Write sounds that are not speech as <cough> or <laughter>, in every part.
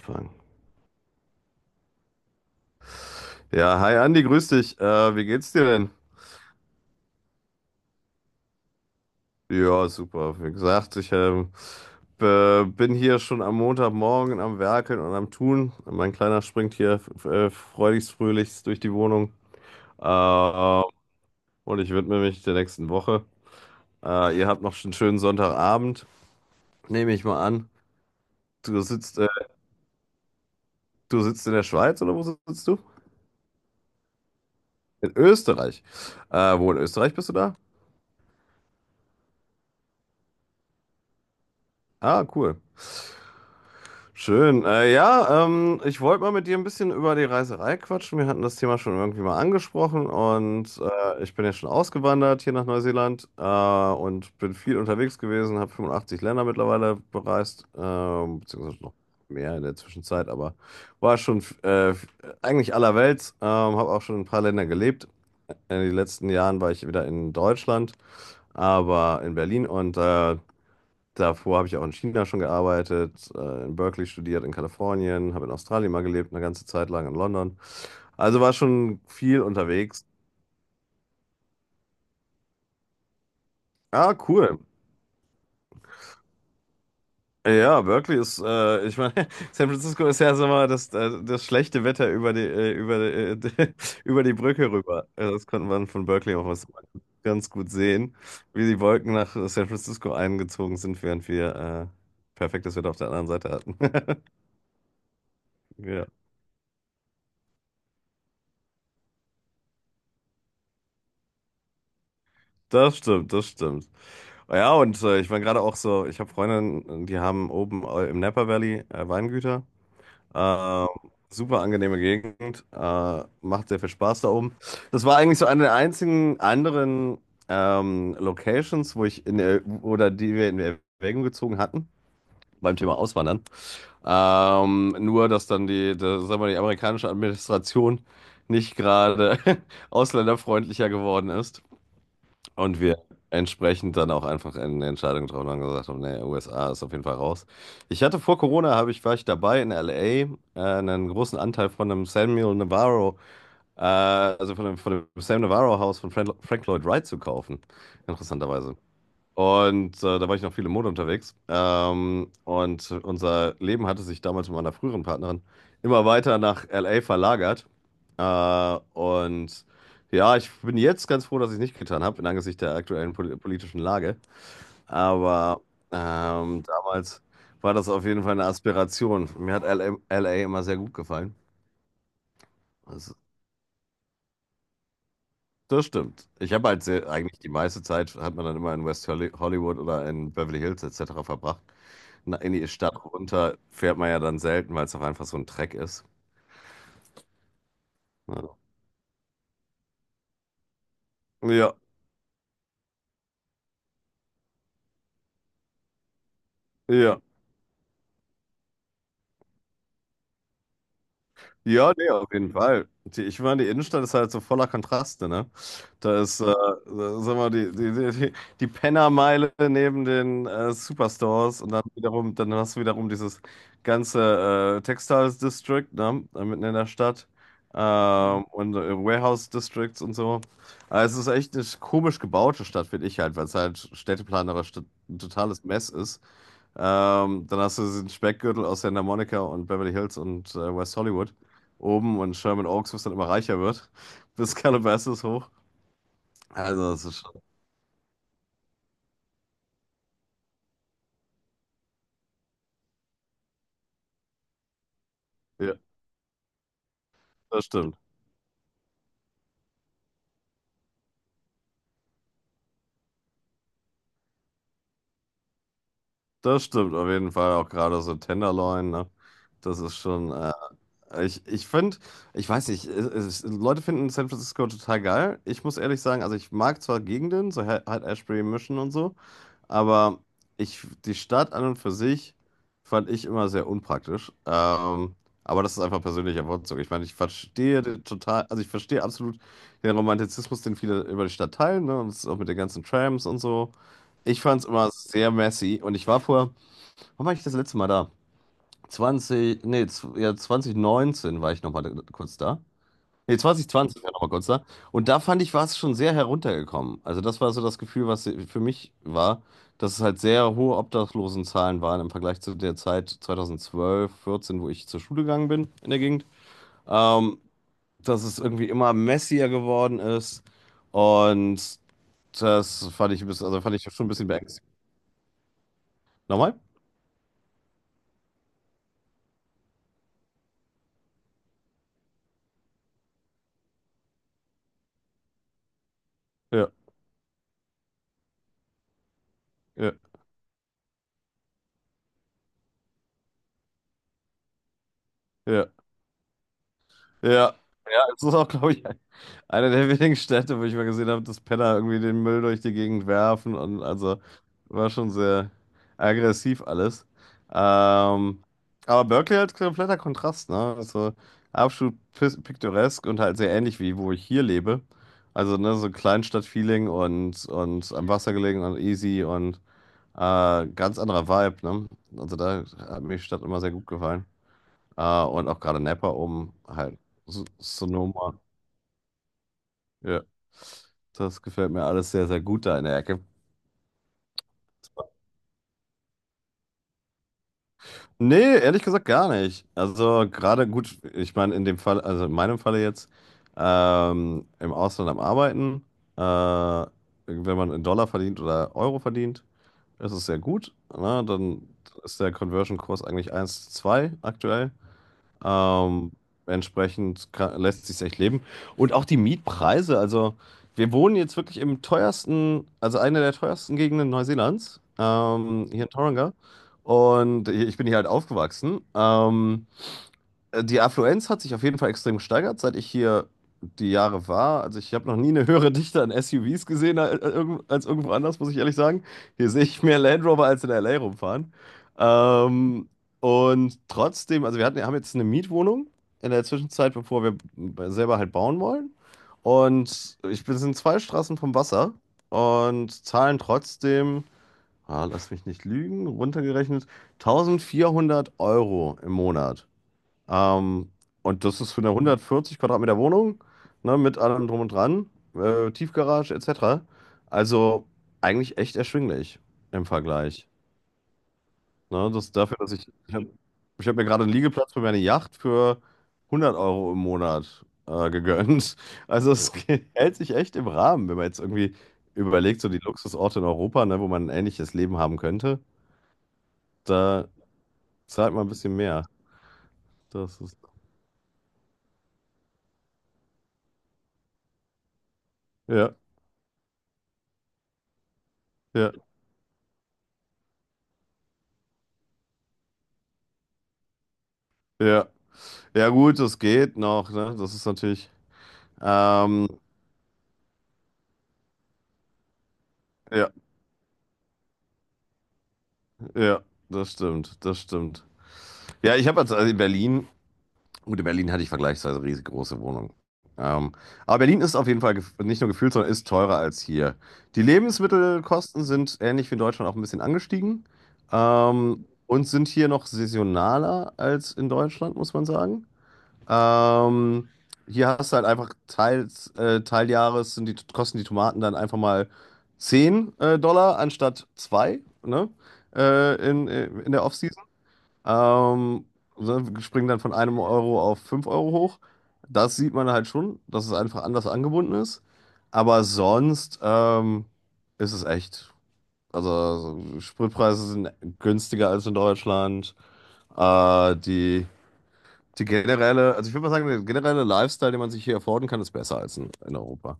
Anfang. Ja, hi Andi, grüß dich. Wie geht's dir denn? Ja, super. Wie gesagt, ich bin hier schon am Montagmorgen am Werkeln und am Tun. Mein Kleiner springt hier freudigst fröhlichst durch die Wohnung. Äh, und ich widme mich der nächsten Woche. Ihr habt noch einen schönen Sonntagabend, nehme ich mal an. Du sitzt, äh, Du sitzt in der Schweiz oder wo sitzt du? In Österreich. Wo in Österreich bist du da? Ah, cool. Schön. Ja, ich wollte mal mit dir ein bisschen über die Reiserei quatschen. Wir hatten das Thema schon irgendwie mal angesprochen und ich bin ja schon ausgewandert hier nach Neuseeland und bin viel unterwegs gewesen, habe 85 Länder mittlerweile bereist, beziehungsweise noch mehr in der Zwischenzeit, aber war schon eigentlich allerwelts, habe auch schon in ein paar Länder gelebt. In den letzten Jahren war ich wieder in Deutschland, aber in Berlin und davor habe ich auch in China schon gearbeitet, in Berkeley studiert, in Kalifornien, habe in Australien mal gelebt, eine ganze Zeit lang in London. Also war schon viel unterwegs. Ah, cool. Ja, ich meine, <laughs> San Francisco ist ja so mal das schlechte Wetter über über die, äh, <laughs> über die Brücke rüber. Das konnte man von Berkeley auch was ganz gut sehen, wie die Wolken nach San Francisco eingezogen sind, während wir perfektes Wetter auf der anderen Seite hatten. <laughs> Ja, das stimmt, das stimmt. Ja, und ich war gerade auch so, ich habe Freundinnen, die haben oben im Napa Valley Weingüter. Äh, Super angenehme Gegend, macht sehr viel Spaß da oben. Das war eigentlich so eine der einzigen anderen Locations, wo ich in der, oder die wir in Erwägung gezogen hatten beim Thema Auswandern. Nur, dass dann sagen wir mal, die amerikanische Administration nicht gerade <laughs> ausländerfreundlicher geworden ist. Und wir entsprechend dann auch einfach eine Entscheidung getroffen haben und gesagt haben, nee, USA ist auf jeden Fall raus. Ich hatte vor Corona, habe ich, war ich dabei in LA, einen großen Anteil von einem Samuel Navarro, von dem Sam Navarro Haus von Frank Lloyd Wright zu kaufen. Interessanterweise. Und da war ich noch viel im Mode unterwegs. Und unser Leben hatte sich damals mit meiner früheren Partnerin immer weiter nach LA verlagert. Äh, und ja, ich bin jetzt ganz froh, dass ich es nicht getan habe, in Angesicht der aktuellen politischen Lage. Aber damals war das auf jeden Fall eine Aspiration. Mir hat LA immer sehr gut gefallen. Das, Das stimmt. Ich habe halt sehr, eigentlich die meiste Zeit, hat man dann immer in Hollywood oder in Beverly Hills etc. verbracht. Na, in die Stadt runter fährt man ja dann selten, weil es auch einfach so ein Dreck ist. Ja, ja, ja. Ja, nee, auf jeden Fall. Die, ich meine, die Innenstadt ist halt so voller Kontraste, ne? Da ist, sag mal, die, die, die, die die Pennermeile neben den Superstores und dann hast du wiederum dieses ganze Textiles District, ne? Da mitten in der Stadt. Warehouse Districts und so. Also es ist echt eine komisch gebaute Stadt, finde ich halt, weil es halt städteplanerisch ein totales Mess ist. Dann hast du diesen Speckgürtel aus Santa Monica und Beverly Hills und West Hollywood oben und Sherman Oaks, was dann immer reicher wird, <laughs> bis Calabasas hoch. Also, das ist schon, ja, das stimmt. Das stimmt auf jeden Fall, auch gerade so Tenderloin, ne? Das ist schon Ich finde, ich weiß nicht, Leute finden San Francisco total geil. Ich muss ehrlich sagen, also ich mag zwar Gegenden, so halt Ashbury Mission und so, aber die Stadt an und für sich fand ich immer sehr unpraktisch. Aber das ist einfach persönlicher Wortzug. Ich meine, ich verstehe den total, also ich verstehe absolut den Romantizismus, den viele über die Stadt teilen, ne? Und das ist auch mit den ganzen Trams und so. Ich fand es immer sehr messy und wann war ich das letzte Mal da? 20, nee, zw- ja, 2019 war ich nochmal kurz da. Nee, 2020 war ich nochmal kurz da. Und da fand ich, war es schon sehr heruntergekommen. Also das war so das Gefühl, was für mich war, dass es halt sehr hohe Obdachlosenzahlen waren im Vergleich zu der Zeit 2012, 14, wo ich zur Schule gegangen bin in der Gegend. Ähm, Dass es irgendwie immer messier geworden ist. Und das fand ich ein bisschen, also fand ich schon ein bisschen beängstigend. Nochmal? Ja, ja, ja. Ja. Ja, es ist auch, glaube ich, eine der wenigen Städte, wo ich mal gesehen habe, dass Penner irgendwie den Müll durch die Gegend werfen, und also war schon sehr aggressiv alles. Ähm, aber Berkeley halt kompletter Kontrast, ne? Also absolut piktoresk und halt sehr ähnlich wie wo ich hier lebe. Also ne, so Kleinstadt-Feeling und am Wasser gelegen und easy und ganz anderer Vibe, ne? Also da hat mir die Stadt immer sehr gut gefallen. Und auch gerade Napa oben, halt Sonoma. Ja, das gefällt mir alles sehr, sehr gut da in der Ecke. Nee, ehrlich gesagt gar nicht. Also gerade gut, ich meine in dem Fall, also in meinem Falle jetzt, im Ausland am Arbeiten, äh, wenn man in Dollar verdient oder Euro verdient, ist es sehr gut. Ne? Dann ist der Conversion-Kurs eigentlich eins zu zwei aktuell. Ähm, Entsprechend lässt sich echt leben. Und auch die Mietpreise, also wir wohnen jetzt wirklich im teuersten, also einer der teuersten Gegenden Neuseelands, hier in Tauranga. Und ich bin hier halt aufgewachsen. Die Affluenz hat sich auf jeden Fall extrem gesteigert, seit ich hier die Jahre war. Also ich habe noch nie eine höhere Dichte an SUVs gesehen als irgendwo anders, muss ich ehrlich sagen. Hier sehe ich mehr Land Rover als in LA rumfahren. Ähm, und trotzdem, haben jetzt eine Mietwohnung in der Zwischenzeit, bevor wir selber halt bauen wollen. Und ich bin sind zwei Straßen vom Wasser und zahlen trotzdem, ah, lass mich nicht lügen, runtergerechnet 1400 € im Monat. Ähm, und das ist für eine 140 Quadratmeter Wohnung, ne, mit allem drum und dran, Tiefgarage etc. Also eigentlich echt erschwinglich im Vergleich. Ne, das dafür, dass ich habe ich hab mir gerade einen Liegeplatz für meine Yacht für 100 € im Monat gegönnt. Also es <laughs> hält sich echt im Rahmen, wenn man jetzt irgendwie überlegt, so die Luxusorte in Europa, ne, wo man ein ähnliches Leben haben könnte, da zahlt man ein bisschen mehr. Das ist, ja, ja, ja. Ja gut, das geht noch, ne? Das ist natürlich. Ähm, ja, ja, Das stimmt, das stimmt. Ja, ich habe jetzt also in Berlin, gut, in Berlin hatte ich vergleichsweise riesengroße Wohnungen. Ähm, aber Berlin ist auf jeden Fall nicht nur gefühlt, sondern ist teurer als hier. Die Lebensmittelkosten sind ähnlich wie in Deutschland auch ein bisschen angestiegen. Und sind hier noch saisonaler als in Deutschland, muss man sagen. Ähm, Hier hast du halt einfach teils, Teiljahres kosten die Tomaten dann einfach mal 10 Dollar anstatt zwei, ne? In der Offseason. Ähm, so, wir springen dann von einem Euro auf 5 Euro hoch. Das sieht man halt schon, dass es einfach anders angebunden ist. Aber sonst ist es echt. Also, so Spritpreise sind günstiger als in Deutschland. Äh, die. Die generelle, also ich würde mal sagen, der generelle Lifestyle, den man sich hier erfordern kann, ist besser als in Europa.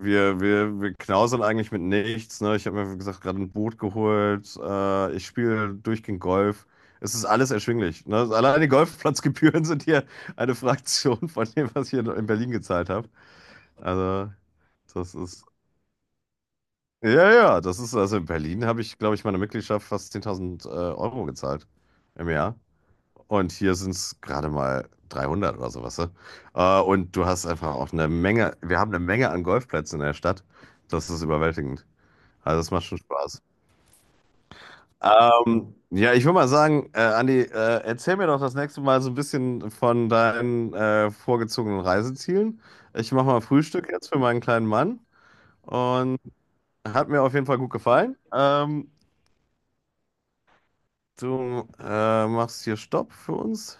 Wir knausern eigentlich mit nichts, ne? Ich habe mir, wie gesagt, gerade ein Boot geholt. Ich spiele durchgehend Golf. Es ist alles erschwinglich. Ne? Also allein die Golfplatzgebühren <laughs> sind hier eine Fraktion von dem, was ich hier in Berlin gezahlt habe. Also, das ist. Ja, ja, das ist. Also in Berlin habe ich, glaube ich, meine Mitgliedschaft fast 10.000 Euro gezahlt im Jahr. Und hier sind es gerade mal 300 oder sowas. Ne? Und du hast einfach auch eine Menge, wir haben eine Menge an Golfplätzen in der Stadt. Das ist überwältigend. Also das macht schon Spaß. Ja, ich würde mal sagen, Andi, erzähl mir doch das nächste Mal so ein bisschen von deinen vorgezogenen Reisezielen. Ich mache mal Frühstück jetzt für meinen kleinen Mann und hat mir auf jeden Fall gut gefallen. Du machst hier Stopp für uns.